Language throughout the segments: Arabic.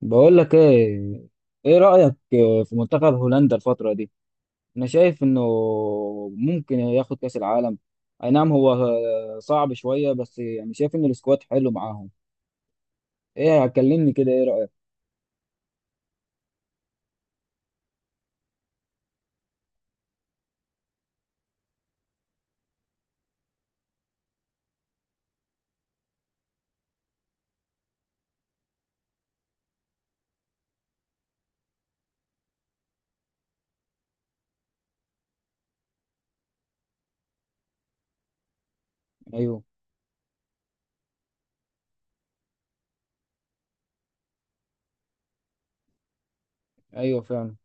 بقول لك ايه، ايه رأيك في منتخب هولندا الفترة دي؟ انا شايف انه ممكن ياخد كأس العالم. اي نعم هو صعب شوية بس يعني شايف ان السكواد حلو معاهم. ايه كلمني كده، ايه رأيك؟ ايوه، ايوه فعلا.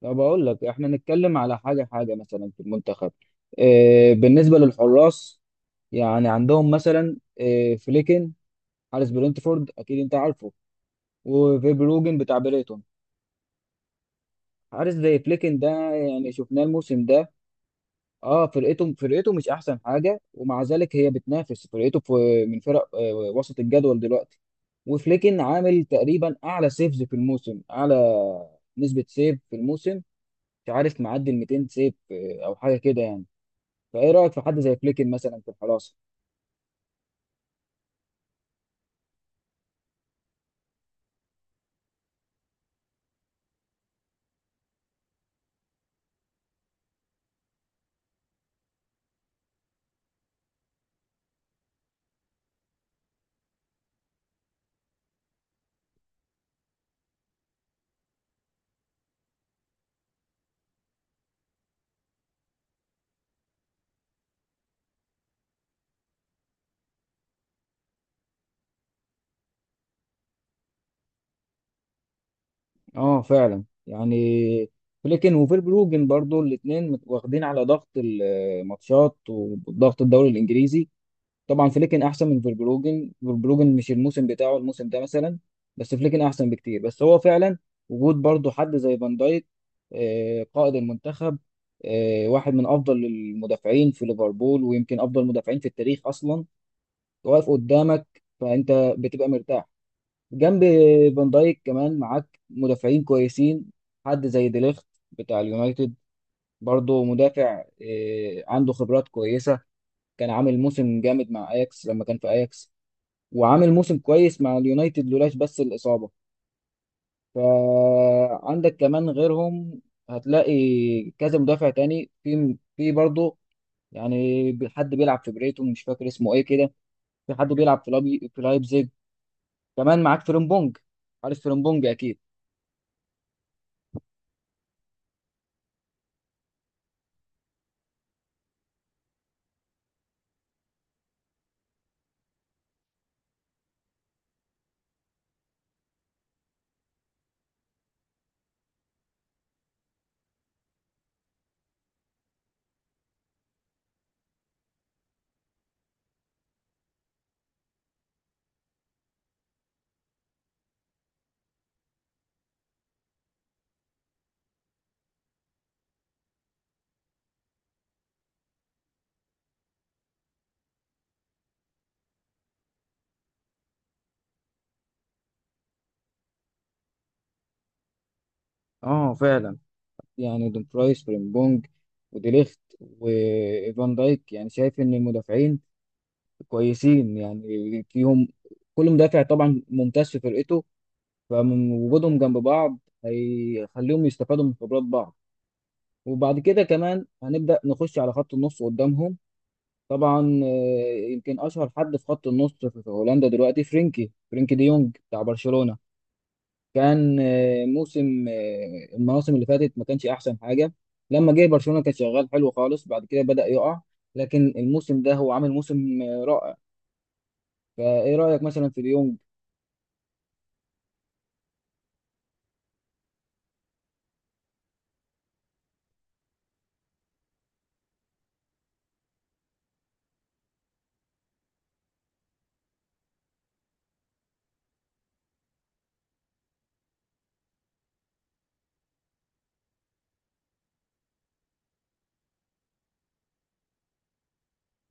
طب اقول لك احنا نتكلم على حاجة حاجة مثلا في المنتخب، إيه بالنسبة للحراس؟ يعني عندهم مثلا إيه؟ فليكن، حارس برينتفورد، اكيد انت عارفه، وفيبروجن بتاع بريتون. حارس زي فليكن ده، يعني شفناه الموسم ده. اه، فرقته مش احسن حاجه، ومع ذلك هي بتنافس فرقته في من فرق وسط الجدول دلوقتي. وفليكن عامل تقريبا اعلى سيفز في الموسم، اعلى نسبه سيف في الموسم. مش عارف معدي ال 200 سيف او حاجه كده يعني. فايه رايك في حد زي فليكن مثلا في الحراسه؟ اه فعلا، يعني فليكن وفيربروجن برضو الاثنين واخدين على ضغط الماتشات وضغط الدوري الانجليزي. طبعا فليكن احسن من فولبروجن، فولبروجن مش الموسم بتاعه الموسم ده مثلا، بس فليكن احسن بكتير. بس هو فعلا وجود برضه حد زي فان دايك، قائد المنتخب، واحد من افضل المدافعين في ليفربول، ويمكن افضل المدافعين في التاريخ اصلا، واقف قدامك، فانت بتبقى مرتاح. جنب فان دايك كمان معاك مدافعين كويسين، حد زي ديليخت بتاع اليونايتد، برضه مدافع عنده خبرات كويسة. كان عامل موسم جامد مع اياكس لما كان في اياكس، وعامل موسم كويس مع اليونايتد لولاش بس الإصابة. فعندك كمان غيرهم، هتلاقي كذا مدافع تاني في برضه، يعني حد بيلعب في بريتون مش فاكر اسمه ايه كده، في حد بيلعب في لايبزيج. كمان معاك فريمبونج، عارف فريمبونج اكيد. اه فعلا، يعني دومفرايس، فريمبونج، وديليخت، وفان دايك، يعني شايف ان المدافعين كويسين، يعني فيهم كل مدافع طبعا ممتاز في فرقته. فمن وجودهم جنب بعض هيخليهم يستفادوا من خبرات بعض. وبعد كده كمان هنبدأ نخش على خط النص قدامهم. طبعا يمكن أشهر حد في خط النص في هولندا دلوقتي فرينكي دي يونج بتاع برشلونة. كان آه، موسم آه، المواسم اللي فاتت ما كانش أحسن حاجة. لما جه برشلونة كان شغال حلو خالص، بعد كده بدأ يقع. لكن الموسم ده هو عامل موسم رائع. فإيه رأيك مثلا في ديونج؟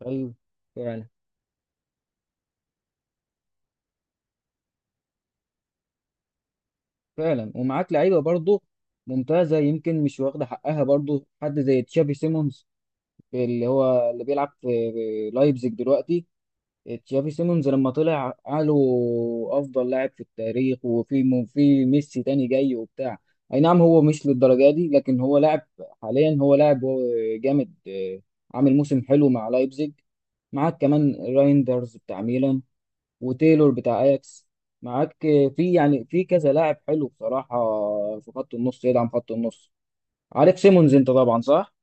هل فعلا. فعلا، ومعاك لعيبه برضه ممتازه، يمكن مش واخده حقها برضه حد زي تشافي سيمونز، اللي هو اللي بيلعب في لايبزيج دلوقتي. تشافي سيمونز لما طلع قالوا افضل لاعب في التاريخ، وفي في ميسي تاني جاي وبتاع. اي نعم هو مش للدرجه دي، لكن هو لاعب، حاليا هو لاعب، هو جامد عامل موسم حلو مع لايبزيج. معاك كمان رايندرز بتاع ميلان، وتايلور بتاع اياكس. معاك في يعني في كذا لاعب حلو بصراحة في خط النص يدعم خط النص. عارف سيمونز انت طبعا، صح؟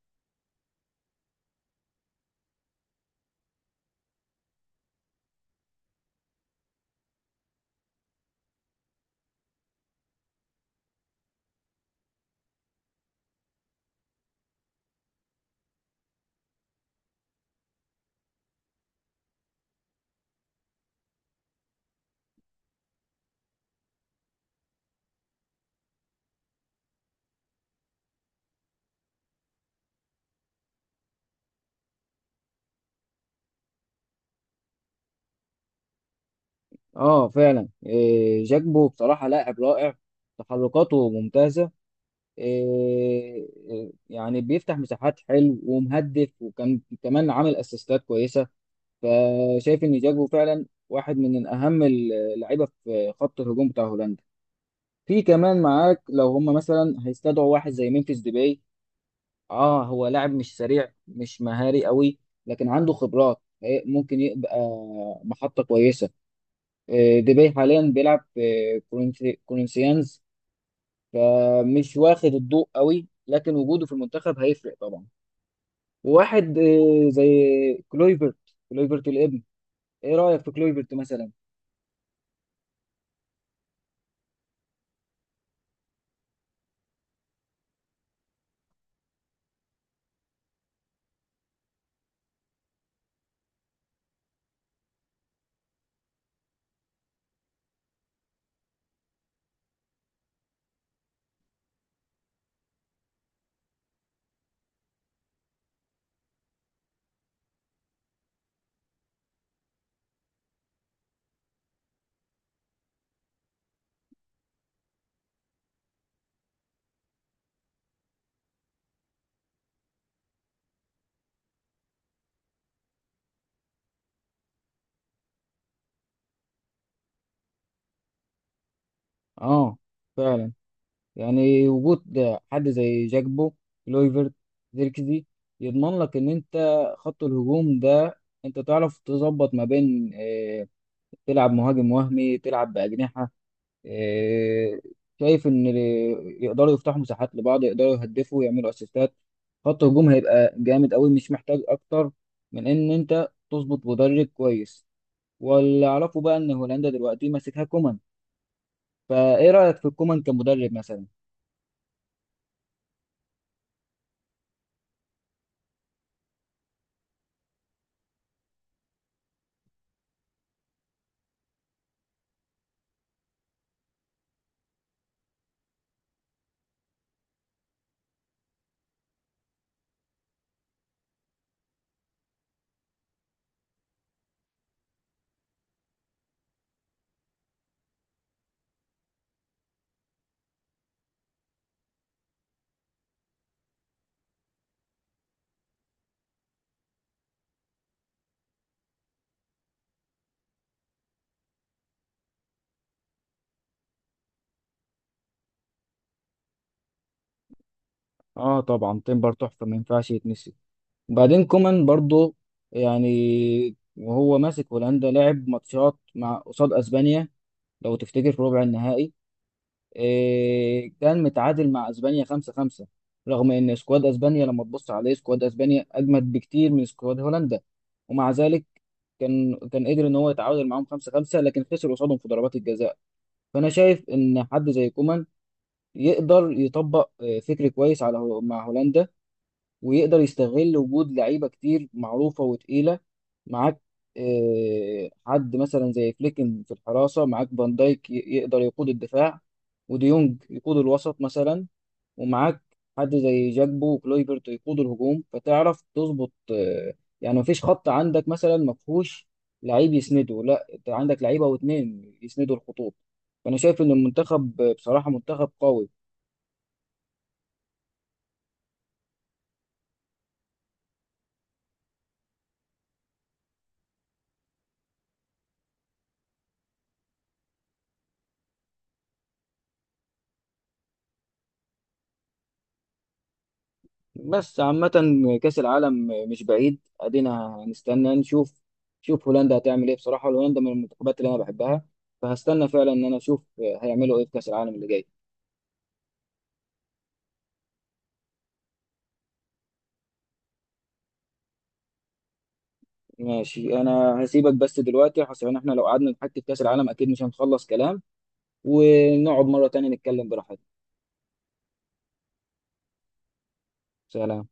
اه فعلا، إيه جاكبو بصراحة لاعب رائع، تحركاته ممتازة. إيه إيه، يعني بيفتح مساحات حلو ومهدف، وكان كمان عامل اسيستات كويسة. فشايف ان جاكبو فعلا واحد من اهم اللعيبة في خط الهجوم بتاع هولندا. في كمان معاك لو هم مثلا هيستدعوا واحد زي ممفيس ديباي. اه هو لاعب مش سريع مش مهاري قوي، لكن عنده خبرات، ممكن يبقى محطة كويسة. ديباي حاليا بيلعب في كورنثيانز، فمش واخد الضوء قوي، لكن وجوده في المنتخب هيفرق طبعا. وواحد زي كلويفرت، كلويفرت الابن. ايه رأيك في كلويفرت مثلا؟ اه فعلا، يعني وجود حد زي جاكبو، كلويفرت، زيركزي، يضمن لك ان انت خط الهجوم ده انت تعرف تظبط ما بين تلعب مهاجم وهمي، تلعب بأجنحة. آه، شايف ان يقدروا يفتحوا مساحات لبعض، يقدروا يهدفوا، يعملوا اسيستات. خط هجوم هيبقى جامد قوي، مش محتاج اكتر من ان انت تظبط مدرب كويس. واللي اعرفه بقى ان هولندا دلوقتي ماسكها كومان. فايه رأيك في كومان كمدرب مثلا؟ اه طبعا تمبر تحفة، ما ينفعش يتنسي. وبعدين كومان برضو، يعني وهو ماسك هولندا لعب ماتشات مع قصاد اسبانيا، لو تفتكر في ربع النهائي. إيه كان متعادل مع اسبانيا 5-5، رغم ان سكواد اسبانيا لما تبص عليه سكواد اسبانيا اجمد بكتير من سكواد هولندا، ومع ذلك كان قدر ان هو يتعادل معاهم 5-5، لكن خسر قصادهم في ضربات الجزاء. فانا شايف ان حد زي كومان يقدر يطبق فكر كويس على مع هولندا، ويقدر يستغل وجود لعيبه كتير معروفه وتقيله. معاك حد مثلا زي فليكن في الحراسه، معاك فان دايك، يقدر يقود الدفاع، وديونج يقود الوسط مثلا، ومعاك حد زي جاكبو وكلويفرت يقود الهجوم. فتعرف تظبط، يعني مفيش خط عندك مثلا مفهوش لعيب يسنده، لا انت عندك لعيبه واتنين يسندوا الخطوط. فانا شايف ان المنتخب بصراحه منتخب قوي. بس عامة كأس العالم مش بعيد، ادينا هنستنى نشوف شوف هولندا هتعمل ايه. بصراحة هولندا من المنتخبات اللي انا بحبها، فهستنى فعلا ان انا اشوف هيعملوا ايه في كأس العالم اللي جاي. ماشي انا هسيبك بس دلوقتي عشان احنا لو قعدنا نحكي في كأس العالم اكيد مش هنخلص كلام، ونقعد مرة تانية نتكلم براحتنا. سلام.